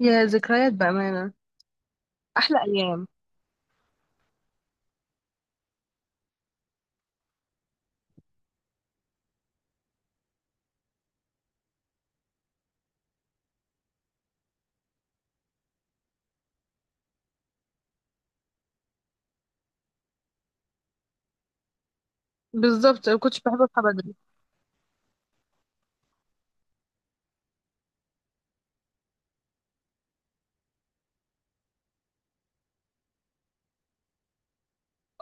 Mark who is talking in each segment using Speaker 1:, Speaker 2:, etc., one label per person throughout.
Speaker 1: يا ذكريات بأمانة. أحلى أيام. بالظبط أنا كنتش بحب أصحى بدري.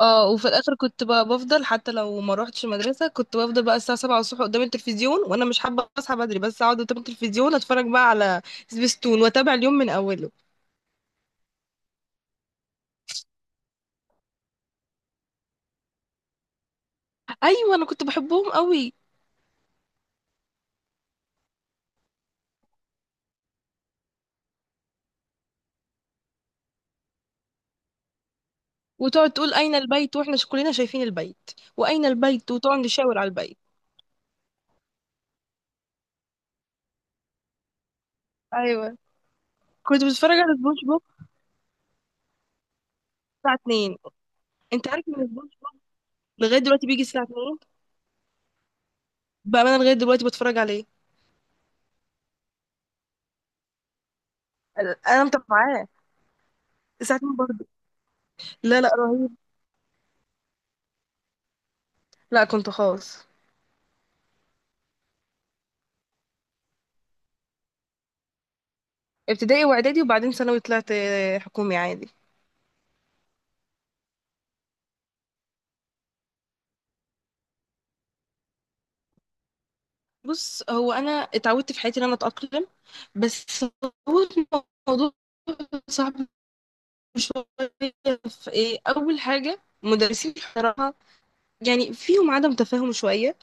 Speaker 1: اه وفي الآخر كنت بقى بفضل حتى لو ما روحتش المدرسة، كنت بفضل بقى الساعة 7 الصبح قدام التلفزيون، وأنا مش حابة أصحى بدري بس أقعد قدام التلفزيون أتفرج بقى على سبيستون وأتابع اليوم من أوله. أيوة، أنا كنت بحبهم قوي. وتقعد تقول أين البيت وإحنا كلنا شايفين البيت، وأين البيت وتقعد نشاور على البيت. أيوة، كنت بتفرج على سبونج بوب الساعة 2. أنت عارف إن سبونج لغاية دلوقتي بيجي الساعة 2؟ بأمانة لغاية دلوقتي بتفرج عليه. انا متابعاه ساعتين برضه. لا لا، رهيب. لا، كنت خاص. ابتدائي واعدادي وبعدين ثانوي طلعت حكومي عادي. بص، هو انا اتعودت في حياتي ان انا اتاقلم. بس هو الموضوع صعب شويه. في ايه؟ اول حاجه مدرسين بصراحه، يعني فيهم عدم تفاهم شويه.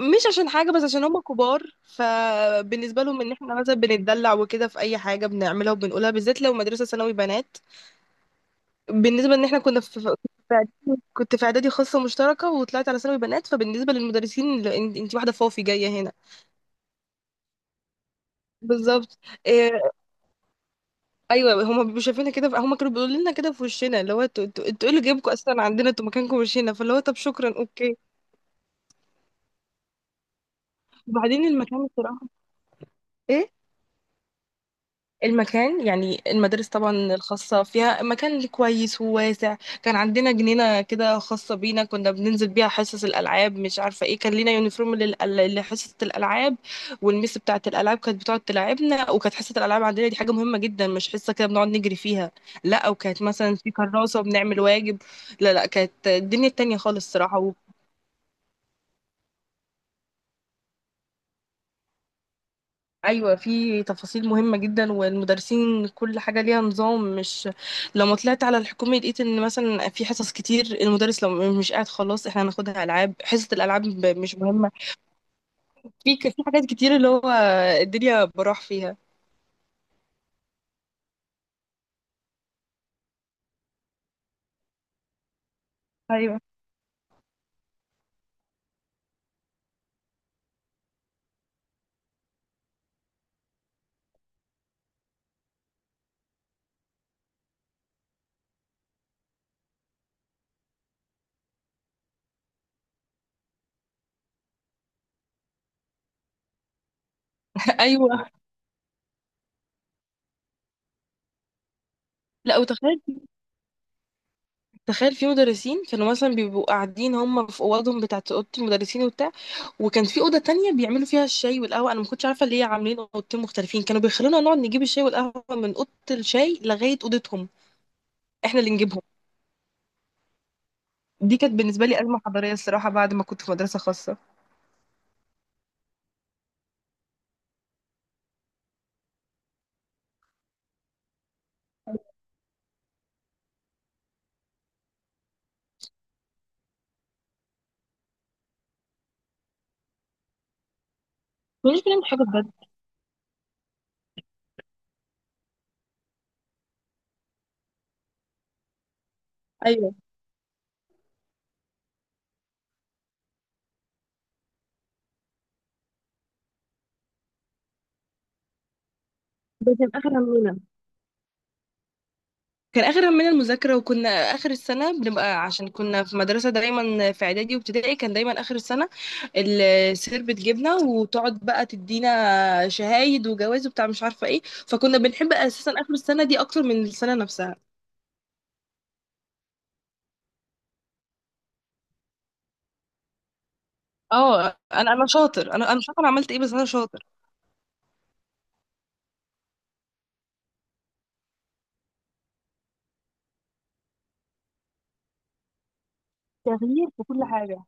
Speaker 1: مش عشان حاجه، بس عشان هم كبار، فبالنسبه لهم ان احنا مثلا بنتدلع وكده في اي حاجه بنعملها وبنقولها، بالذات لو مدرسه ثانوي بنات. بالنسبة ان احنا كنا كنت في اعدادي خاصة مشتركة وطلعت على ثانوي بنات، فبالنسبة للمدرسين لا، انتي واحدة فوفي جاية هنا. بالظبط. إيه. ايوه، هما بيبقوا شايفينها كده، هما كانوا بيقولوا لنا كده في وشنا اللي هو انتوا ايه اللي جايبكم اصلا عندنا، انتوا مكانكم مش هنا، فاللي هو طب شكرا اوكي. وبعدين المكان الصراحة. ايه. المكان يعني المدارس طبعا الخاصة فيها مكان كويس وواسع. كان عندنا جنينة كده خاصة بينا، كنا بننزل بيها حصص الألعاب، مش عارفة ايه، كان لينا يونيفورم لحصة الألعاب، والميس بتاعة الألعاب كانت بتقعد تلعبنا، وكانت حصة الألعاب عندنا دي حاجة مهمة جدا، مش حصة كده بنقعد نجري فيها. لا، وكانت مثلا في كراسة وبنعمل واجب. لا لا، كانت الدنيا التانية خالص الصراحة. ايوه، في تفاصيل مهمه جدا، والمدرسين كل حاجه ليها نظام، مش. لما طلعت على الحكومه لقيت ان مثلا في حصص كتير المدرس لو مش قاعد خلاص احنا هناخدها العاب، حصه الالعاب مش مهمه. في حاجات كتير اللي هو الدنيا براح فيها. ايوه. ايوه. لا، وتخيل، تخيل في مدرسين كانوا مثلا بيبقوا قاعدين هم في اوضهم بتاعه اوضه المدرسين وبتاع، وكان في اوضه تانية بيعملوا فيها الشاي والقهوه، انا ما كنتش عارفه ليه عاملين اوضتين مختلفين، كانوا بيخلونا نقعد نجيب الشاي والقهوه من اوضه الشاي لغايه اوضتهم. إحنا اللي نجيبهم. دي كانت بالنسبة لي أزمة حضارية الصراحة، بعد ما كنت في مدرسة خاصة. مش بنعمل حاجة بجد. ايوه، ده كان آخر همنا. كان اخر همنا المذاكره، وكنا اخر السنه بنبقى عشان كنا في مدرسه دايما، في اعدادي وابتدائي كان دايما اخر السنه السير بتجيبنا، وتقعد بقى تدينا شهايد وجواز وبتاع مش عارفه ايه. فكنا بنحب اساسا اخر السنه دي اكتر من السنه نفسها. اه، انا شاطر، انا مش عارفه انا عملت ايه بس انا شاطر. تغيير في كل حاجة.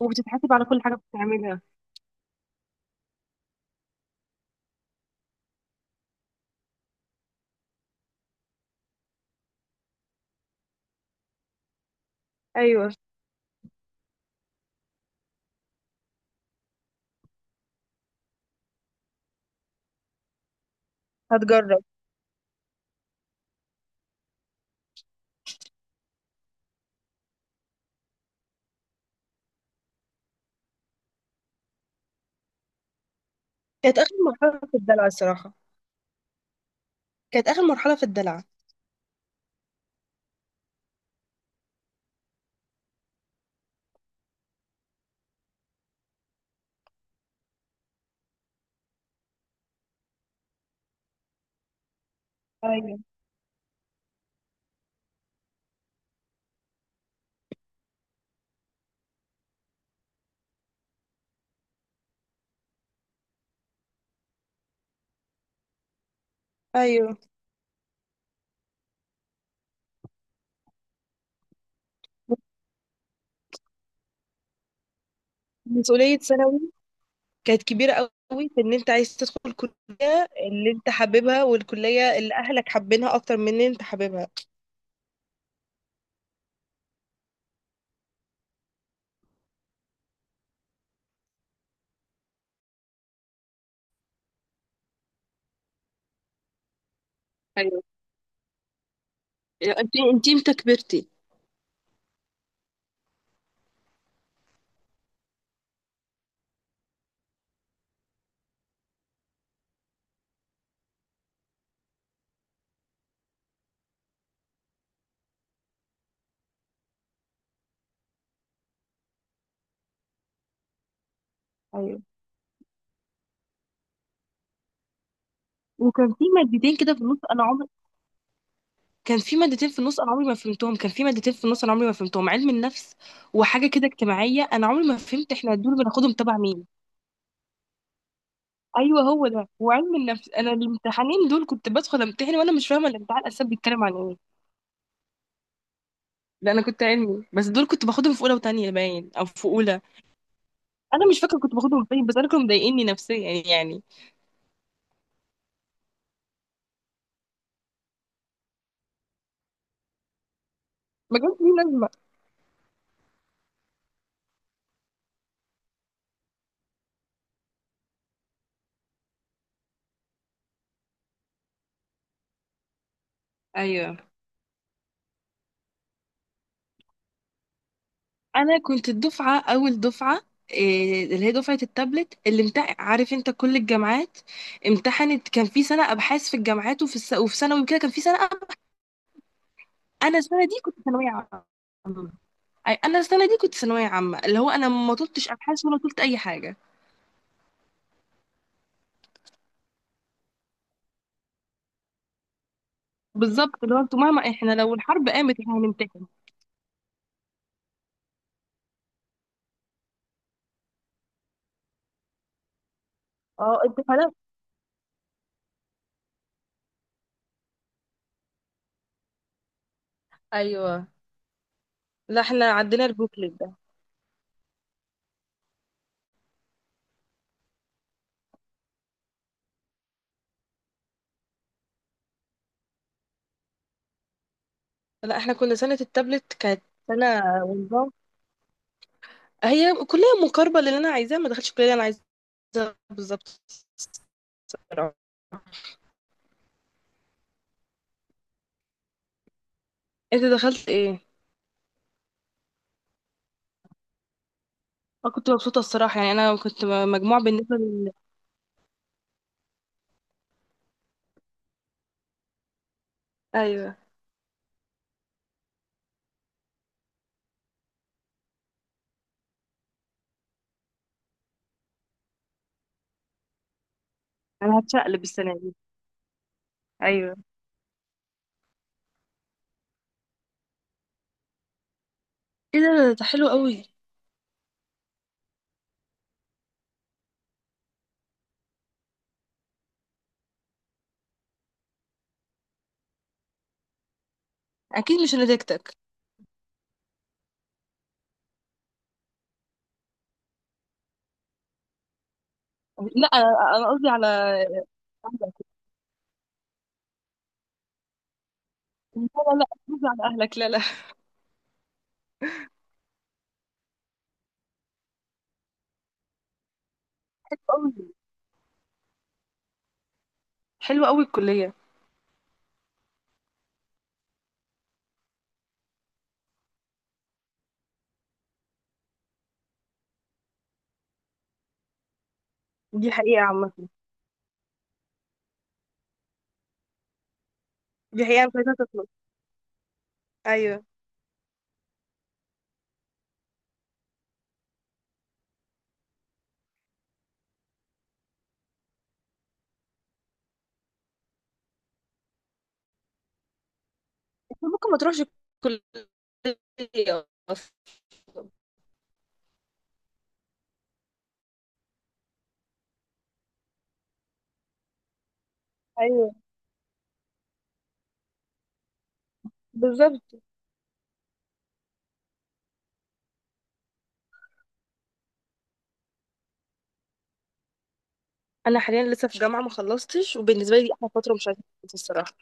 Speaker 1: وبتتحاسب على كل حاجة بتعملها. ايوه، هتجرب. كانت آخر مرحلة في الدلع الصراحة. كانت آخر مرحلة في الدلع. ايوه، أيوه. مسؤولية ثانوي كانت كبيرة قوي، في إن أنت عايز تدخل الكلية اللي أنت حاببها، والكلية اللي أهلك حابينها أكتر من إن أنت حاببها. ايوه، انت امتى كبرتي؟ ايوه، وكان في مادتين كده في النص انا عمري، كان في مادتين في النص انا عمري ما فهمتهم، كان في مادتين في النص انا عمري ما فهمتهم، علم النفس وحاجه كده اجتماعيه، انا عمري ما فهمت احنا دول بناخدهم تبع مين. ايوه، هو ده، وعلم النفس، انا الامتحانين دول كنت بدخل امتحن وانا مش فاهمه الامتحان اساسا بيتكلم عن ايه. لا، انا كنت علمي بس دول كنت باخدهم في اولى وتانية، باين او في اولى. انا مش فاكره كنت باخدهم فين، بس انا كانوا مضايقني نفسيا يعني. ما كانش ليه لازمه. ايوه، انا كنت الدفعه، اول دفعه. اللي هي دفعه التابلت اللي امتحن، عارف انت كل الجامعات امتحنت، كان في سنه ابحاث في الجامعات وفي ثانوي وكده، كان في سنه انا السنه دي كنت ثانويه عامه. انا السنه دي كنت ثانويه عامه اللي هو انا ما طلتش ابحاث ولا طلت اي حاجه. بالظبط، اللي هو انتوا مهما احنا لو الحرب قامت احنا هنمتحن. اه، امتحانات. ايوه. لا، احنا عندنا البوكلت ده. لا، احنا كنا سنه التابلت، كانت سنه ونظام. هي كليه مقاربه للي انا عايزاه، ما دخلتش الكليه اللي انا عايزاها بالظبط الصراحة. انت دخلت ايه؟ اه، كنت مبسوطه الصراحه يعني، انا كنت مجموعه بالنسبه لل. ايوه، انا هتشقلب السنه دي. ايوه. ايه ده حلو قوي. اكيد مش نتيجتك. لا، أنا قصدي على اهلك. لا لا. لا، قصدي على اهلك. لا لا. حلوة قوي. حلوة قوي الكلية. دي حقيقة عامة. دي حقيقة مش عايزة تخلص. ايوه، انت ممكن ما تروحش الكلية. ايوه بالظبط. انا حاليا لسه في جامعة ما خلصتش، وبالنسبة لي دي احلى فترة، مش عايزة اخلص الصراحة.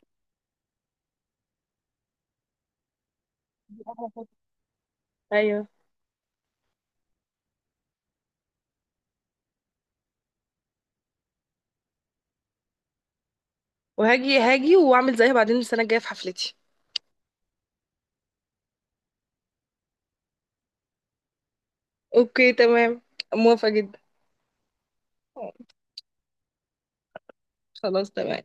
Speaker 1: دي أحلى فترة. ايوه، وهاجي هاجي واعمل زيها بعدين السنة الجاية في حفلتي. اوكي تمام. موافقة جدا. خلاص تمام.